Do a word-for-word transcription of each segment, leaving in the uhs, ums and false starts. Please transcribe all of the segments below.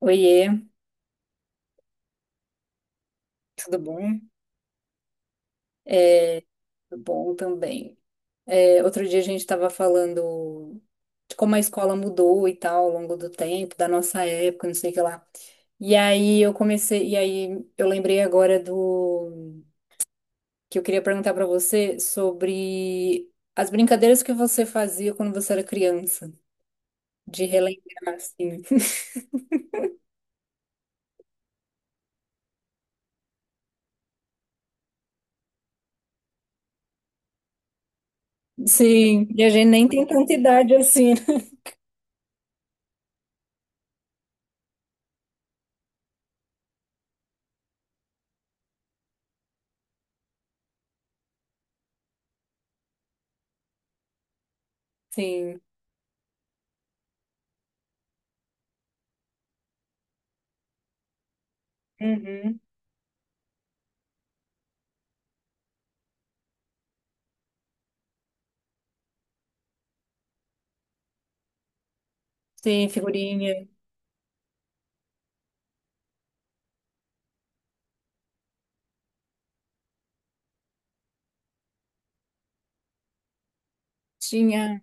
Oiê, tudo bom? É, tudo bom também. É, outro dia a gente estava falando de como a escola mudou e tal ao longo do tempo, da nossa época, não sei o que lá. E aí eu comecei, e aí eu lembrei agora do que eu queria perguntar para você sobre as brincadeiras que você fazia quando você era criança, de relembrar, assim. Sim, e a gente nem tem tanta idade assim, né? Sim. Uhum. Sim, figurinha. Tinha.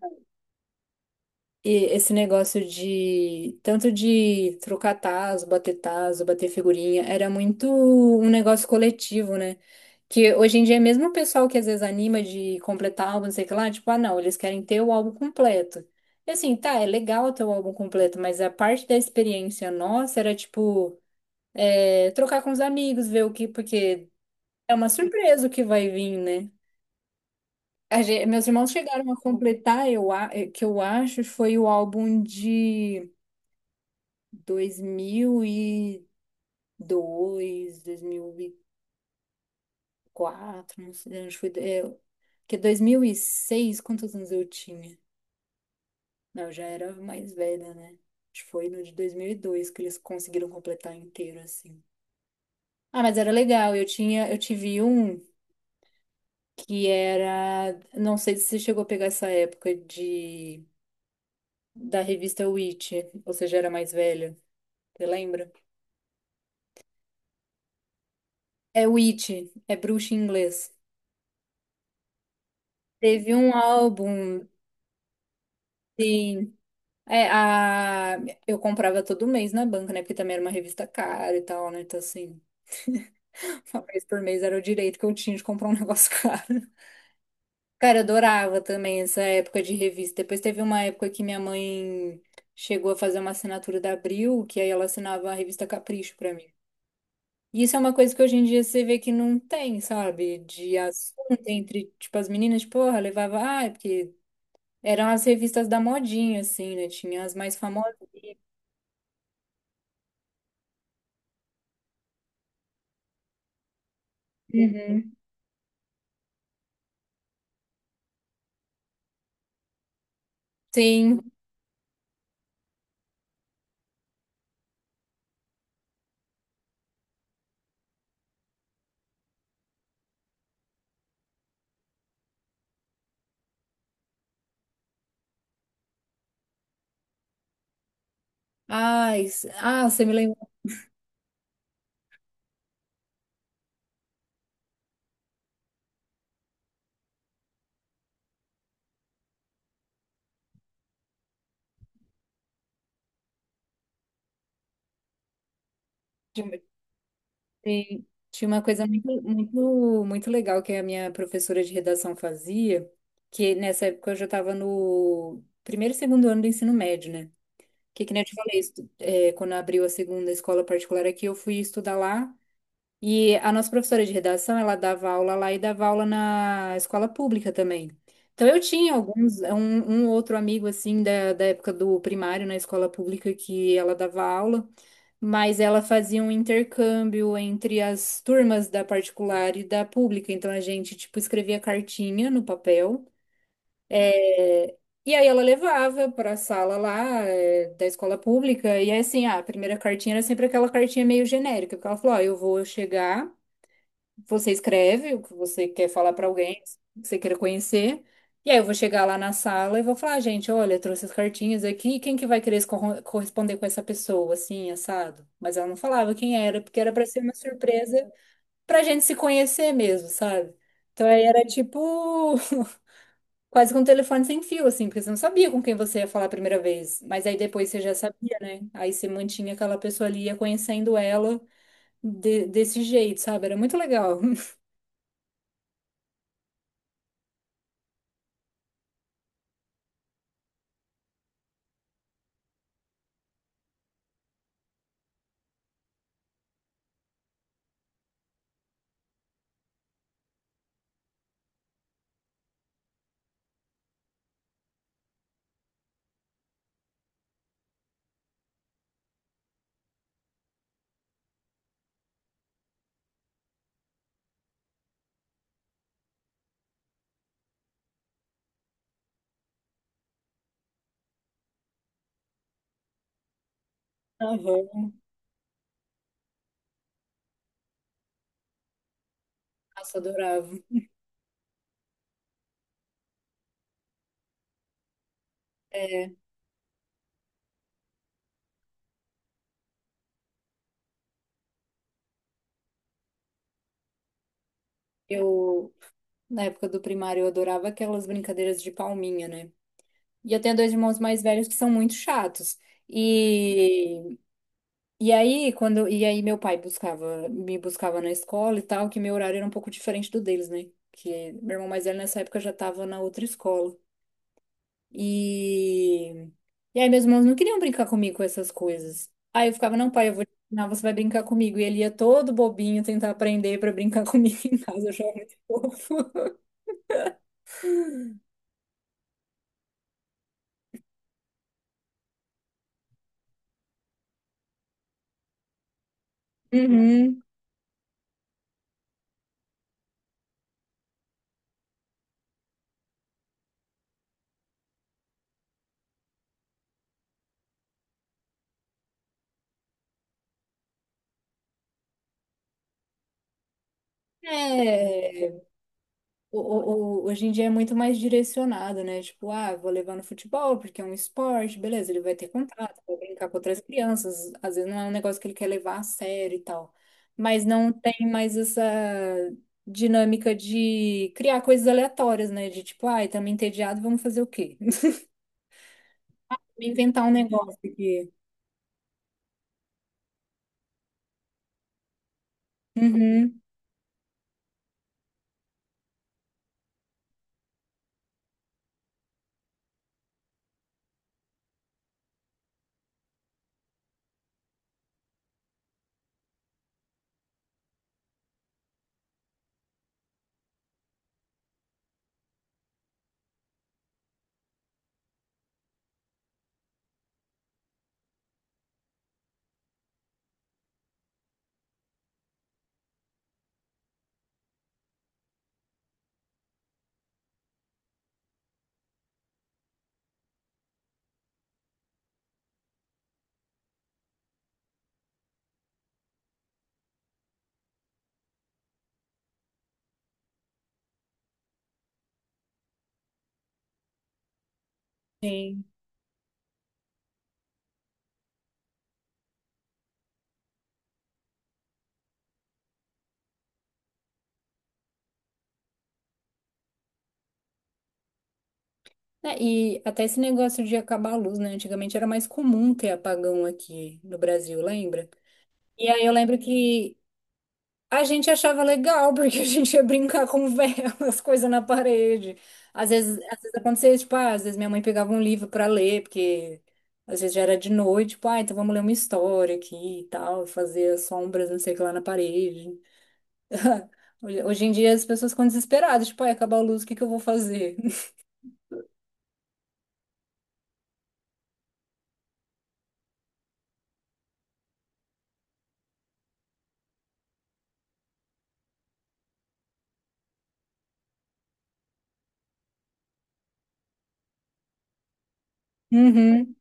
E esse negócio de tanto de trocar tazo, bater tazo, bater figurinha, era muito um negócio coletivo, né? Que hoje em dia, é mesmo o pessoal que às vezes anima de completar álbum, não sei o que lá, tipo, ah, não, eles querem ter o álbum completo. E assim, tá, é legal ter o álbum completo, mas a parte da experiência nossa era tipo, é, trocar com os amigos, ver o que, porque é uma surpresa o que vai vir, né? A gen- meus irmãos chegaram a completar, eu, a- eh, que eu acho, foi o álbum de dois mil e dois, dois mil e quatro, não sei onde foi. É, porque dois mil e seis, quantos anos eu tinha? Não, eu já era mais velha, né? Acho que foi no de dois mil e dois que eles conseguiram completar inteiro, assim. Ah, mas era legal. Eu tinha, eu tive um que era, não sei se você chegou a pegar essa época de da revista Witch, ou seja, era mais velha. Você lembra? É Witch, é bruxa em inglês. Teve um álbum, sim. É, a... Eu comprava todo mês na banca, né? Porque também era uma revista cara e tal, né? Então, assim, uma vez por mês era o direito que eu tinha de comprar um negócio caro. Cara, eu adorava também essa época de revista. Depois teve uma época que minha mãe chegou a fazer uma assinatura da Abril, que aí ela assinava a revista Capricho pra mim. E isso é uma coisa que hoje em dia você vê que não tem, sabe? De assunto entre, tipo, as meninas, tipo, porra, levava. Ah, é porque eram as revistas da modinha, assim, né? Tinha as mais famosas. Uhum. Sim. Ai, s- ah, você me lembrou de, uma- tem- tinha uma coisa muito, muito, muito legal que a minha professora de redação fazia, que nessa época eu já estava no primeiro e segundo ano do ensino médio, né? Que, que nem eu te falei, estu- é, quando abriu a segunda escola particular aqui, eu fui estudar lá. E a nossa professora de redação, ela dava aula lá e dava aula na escola pública também. Então eu tinha alguns, um, um outro amigo assim da, da época do primário na escola pública que ela dava aula. Mas ela fazia um intercâmbio entre as turmas da particular e da pública. Então a gente, tipo, escrevia cartinha no papel. É, E aí ela levava para a sala lá eh, da escola pública, e aí assim, ah, a primeira cartinha era sempre aquela cartinha meio genérica, porque ela falou, ó, eu vou chegar, você escreve o que você quer falar para alguém, que você queira conhecer. E aí eu vou chegar lá na sala e vou falar, "Ah, gente, olha, eu trouxe as cartinhas aqui, quem que vai querer se corro- corresponder com essa pessoa, assim, assado?" Mas ela não falava quem era, porque era para ser uma surpresa pra gente se conhecer mesmo, sabe? Então aí era tipo quase que um telefone sem fio, assim, porque você não sabia com quem você ia falar a primeira vez. Mas aí depois você já sabia, né? Aí você mantinha aquela pessoa ali, ia conhecendo ela de- desse jeito, sabe? Era muito legal. Aham. Nossa, adorava. É, eu, Na época do primário, eu adorava aquelas brincadeiras de palminha, né? E eu tenho dois irmãos mais velhos que são muito chatos. E, e aí, quando, e aí meu pai buscava, me buscava na escola e tal, que meu horário era um pouco diferente do deles, né? Que meu irmão mais velho nessa época já tava na outra escola. E, e aí meus irmãos não queriam brincar comigo com essas coisas. Aí eu ficava, não, pai, eu vou te ensinar, você vai brincar comigo. E ele ia todo bobinho tentar aprender pra brincar comigo em casa. Eu achava muito fofo. Uhum. É. O- o- o- hoje em dia é muito mais direcionado, né? Tipo, ah, vou levar no futebol porque é um esporte, beleza, ele vai ter contato, vai brincar com outras crianças, às vezes não é um negócio que ele quer levar a sério e tal. Mas não tem mais essa dinâmica de criar coisas aleatórias, né? De tipo, ah, estamos entediados, vamos fazer o quê? Inventar um negócio aqui. Uhum, sim. É, e até esse negócio de acabar a luz, né? Antigamente era mais comum ter apagão aqui no Brasil, lembra? E aí eu lembro que a gente achava legal, porque a gente ia brincar com velas, coisa na parede. Às vezes, às vezes acontecia, tipo, ah, às vezes minha mãe pegava um livro para ler, porque às vezes já era de noite, tipo, ah, então vamos ler uma história aqui e tal, fazer as sombras, não sei o que lá na parede. Hoje hoje em dia as pessoas ficam desesperadas, tipo, ai, acabar a luz, o que que eu vou fazer? Uhum,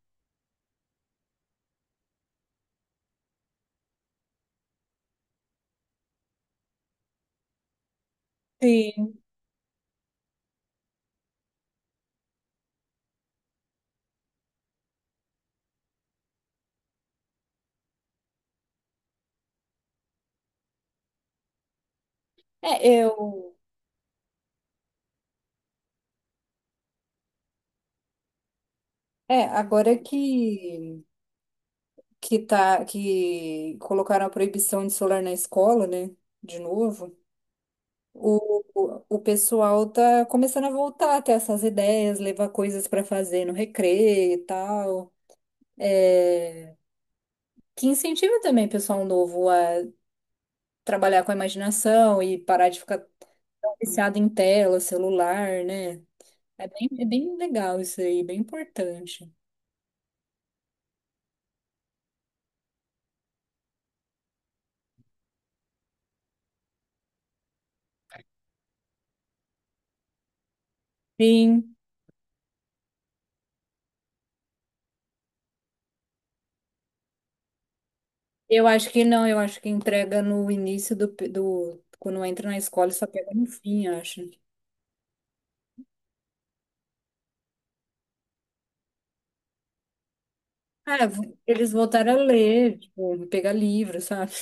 sim. É, eu. É, agora que que tá que colocaram a proibição de celular na escola, né? De novo. O, o o pessoal tá começando a voltar a ter essas ideias, levar coisas para fazer no recreio e tal. É, que incentiva também o pessoal novo a trabalhar com a imaginação e parar de ficar tão viciado em tela, celular, né? É bem, é bem legal isso aí, bem importante. Sim, eu acho que não, eu acho que entrega no início do, pe- do quando entra na escola, só pega no fim, eu acho. Ah, vo- eles voltaram a ler, tipo, pegar livro, sabe?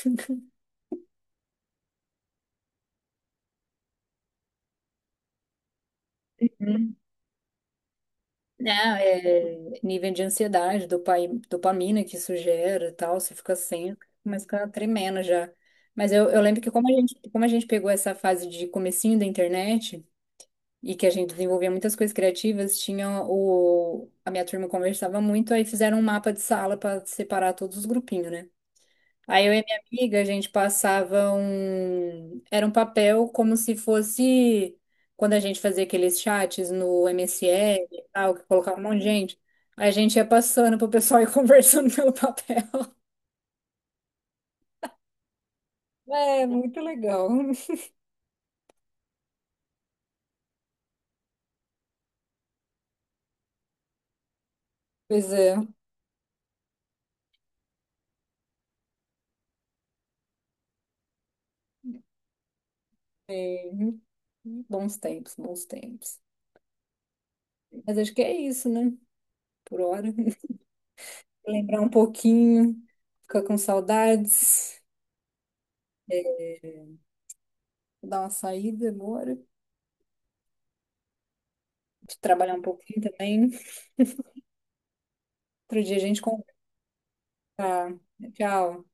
Não, é nível de ansiedade, dopai- dopamina que isso gera e tal, você fica sem, começa a ficar tremendo já. Mas eu, eu lembro que como a gente, como a gente pegou essa fase de comecinho da internet e que a gente desenvolvia muitas coisas criativas, tinha o, a minha turma conversava muito, aí fizeram um mapa de sala para separar todos os grupinhos, né? Aí eu e minha amiga, a gente passava um. Era um papel como se fosse quando a gente fazia aqueles chats no M S N e tal, que colocava um monte de gente. A gente ia passando pro pessoal e conversando pelo papel. É, muito legal. Pois é. é, Bons tempos, bons tempos. Mas acho que é isso, né? Por hora. Lembrar um pouquinho, ficar com saudades, dar uma saída agora, trabalhar um pouquinho também. Outro dia a gente. Tá, tchau.